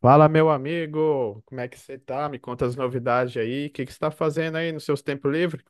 Fala, meu amigo, como é que você tá? Me conta as novidades aí. O que que você tá fazendo aí nos seus tempos livres?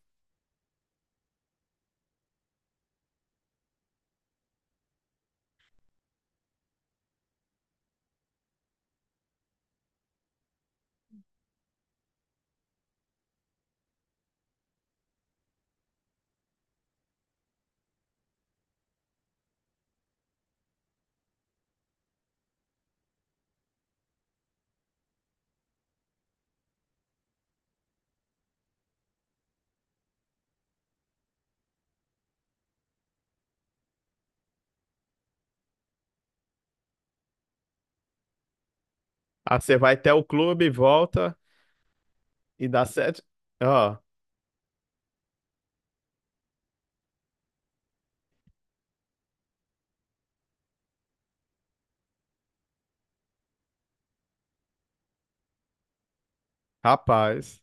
Ah, você vai até o clube, volta e dá sete. Ó, rapaz.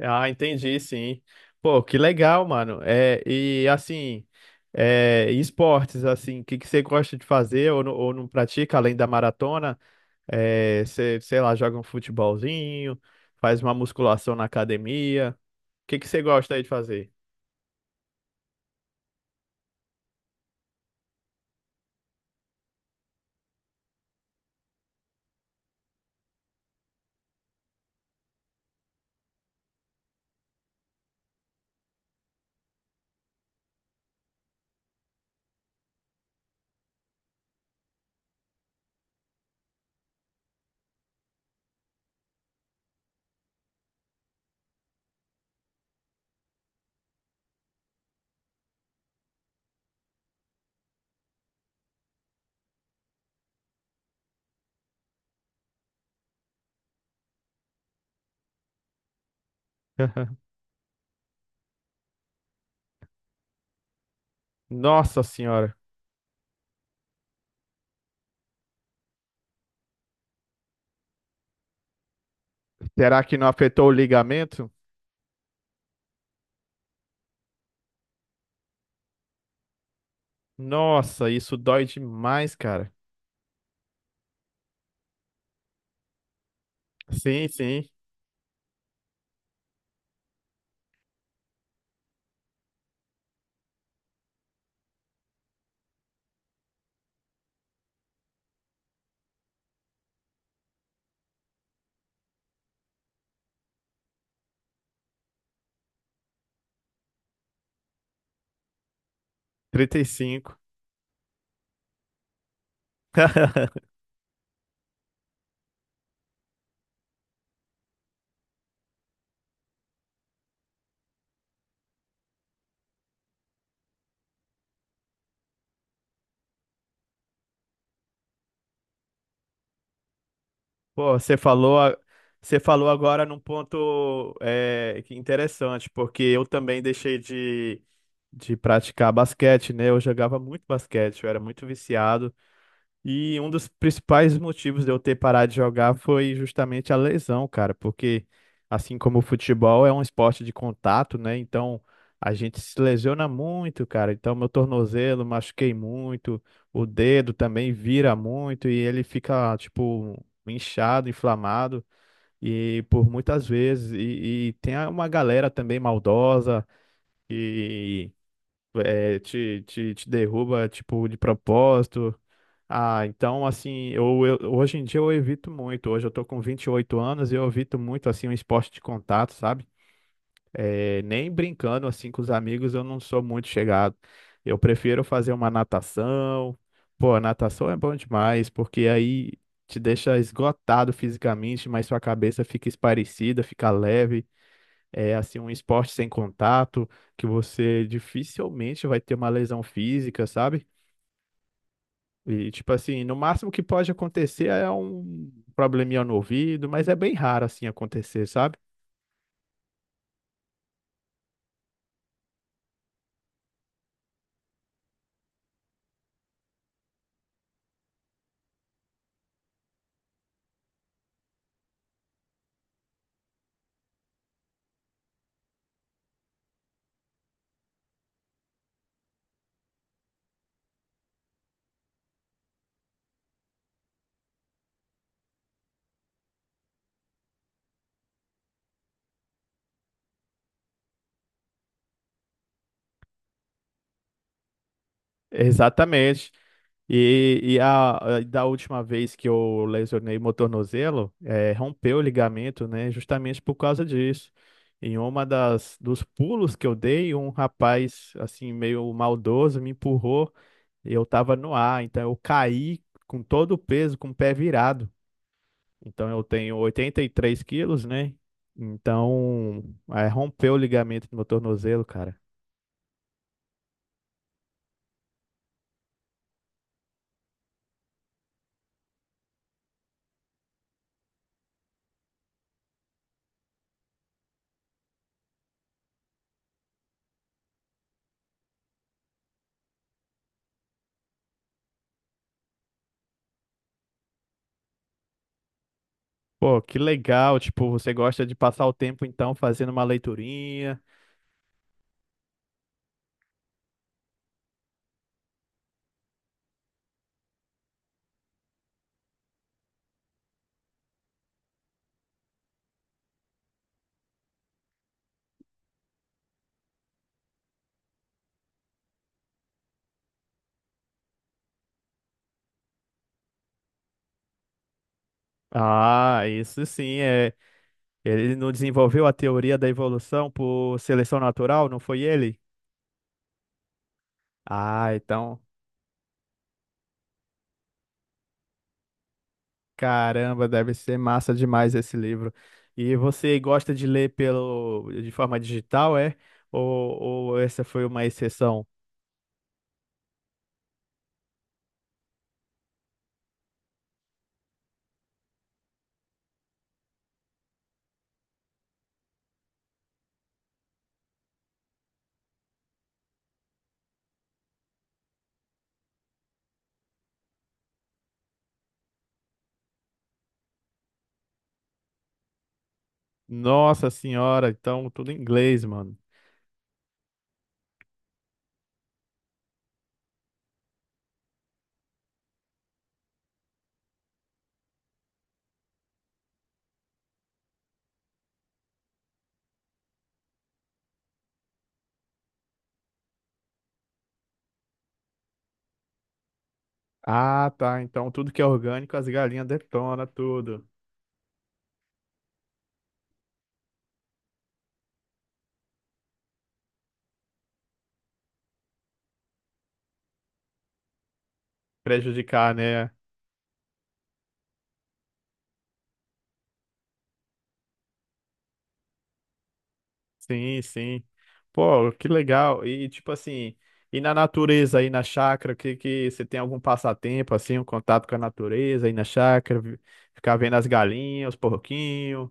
Ah, entendi, sim. Pô, que legal, mano. É, e assim, é, e esportes, assim, o que que você gosta de fazer ou, ou não pratica além da maratona? É, você, sei lá, joga um futebolzinho, faz uma musculação na academia. O que que você gosta aí de fazer? Nossa senhora. Será que não afetou o ligamento? Nossa, isso dói demais, cara. Sim, sim. Trinta e cinco. Pô, você falou agora num ponto é, que interessante, porque eu também de praticar basquete, né? Eu jogava muito basquete, eu era muito viciado. E um dos principais motivos de eu ter parado de jogar foi justamente a lesão, cara, porque assim como o futebol é um esporte de contato, né? Então a gente se lesiona muito, cara. Então meu tornozelo machuquei muito, o dedo também vira muito e ele fica, tipo, inchado, inflamado. E por muitas vezes, e tem uma galera também maldosa é, te derruba, tipo, de propósito. Ah, então, assim, hoje em dia eu evito muito. Hoje eu tô com 28 anos e eu evito muito, assim, um esporte de contato, sabe? É, nem brincando, assim, com os amigos, eu não sou muito chegado. Eu prefiro fazer uma natação. Pô, a natação é bom demais, porque aí te deixa esgotado fisicamente, mas sua cabeça fica esparecida, fica leve. É assim um esporte sem contato, que você dificilmente vai ter uma lesão física, sabe? E tipo assim, no máximo que pode acontecer é um probleminha no ouvido, mas é bem raro assim acontecer, sabe? Exatamente. Da última vez que eu lesionei meu tornozelo, rompeu o ligamento, né? Justamente por causa disso. Em uma das dos pulos que eu dei, um rapaz assim meio maldoso me empurrou. Eu tava no ar, então eu caí com todo o peso, com o pé virado. Então eu tenho 83 quilos, né? Então, é, rompeu o ligamento do meu tornozelo, cara. Pô, que legal, tipo, você gosta de passar o tempo então fazendo uma leiturinha. Ah, isso sim, é. Ele não desenvolveu a teoria da evolução por seleção natural, não foi ele? Ah, então. Caramba, deve ser massa demais esse livro. E você gosta de ler pelo de forma digital, é? Ou essa foi uma exceção? Nossa senhora, então tudo em inglês, mano. Ah, tá. Então tudo que é orgânico, as galinhas detonam tudo. Prejudicar, né? Sim, sim. Pô, que legal. E tipo assim, e na natureza aí na chácara, que você tem algum passatempo assim, um contato com a natureza aí na chácara, ficar vendo as galinhas, os porquinhos?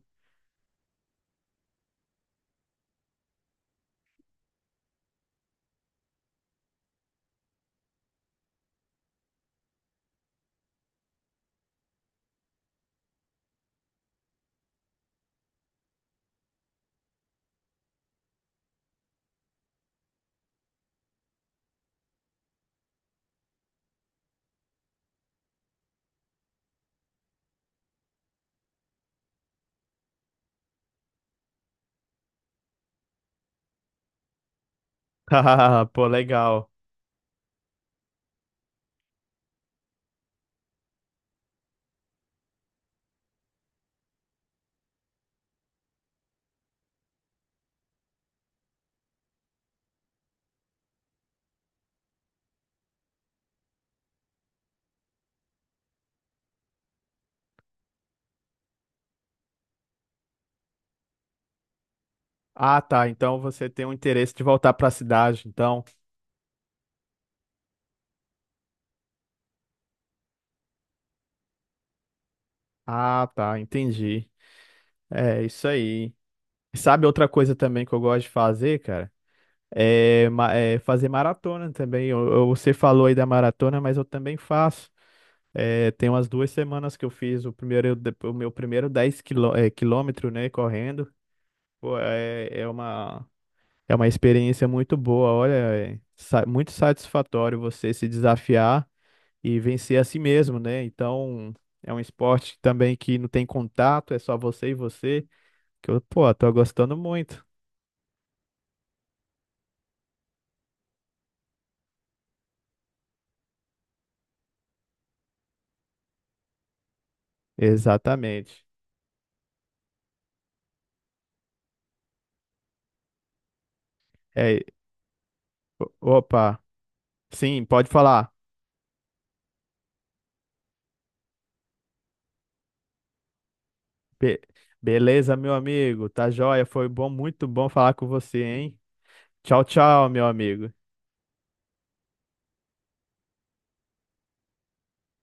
Ah, pô, legal. Ah, tá. Então você tem um interesse de voltar para a cidade, então. Ah, tá, entendi. É isso aí. Sabe outra coisa também que eu gosto de fazer, cara? É, é fazer maratona também. Você falou aí da maratona, mas eu também faço. É, tem umas duas semanas que eu fiz o primeiro, o meu primeiro quilômetro, né, correndo. Pô, é, é uma experiência muito boa. Olha, é muito satisfatório você se desafiar e vencer a si mesmo, né? Então, é um esporte também que não tem contato, é só você e você, que eu, pô, tô gostando muito. Exatamente. É, opa, sim, pode falar. Be- beleza, meu amigo, tá joia, foi bom, muito bom falar com você, hein? Tchau, tchau, meu amigo.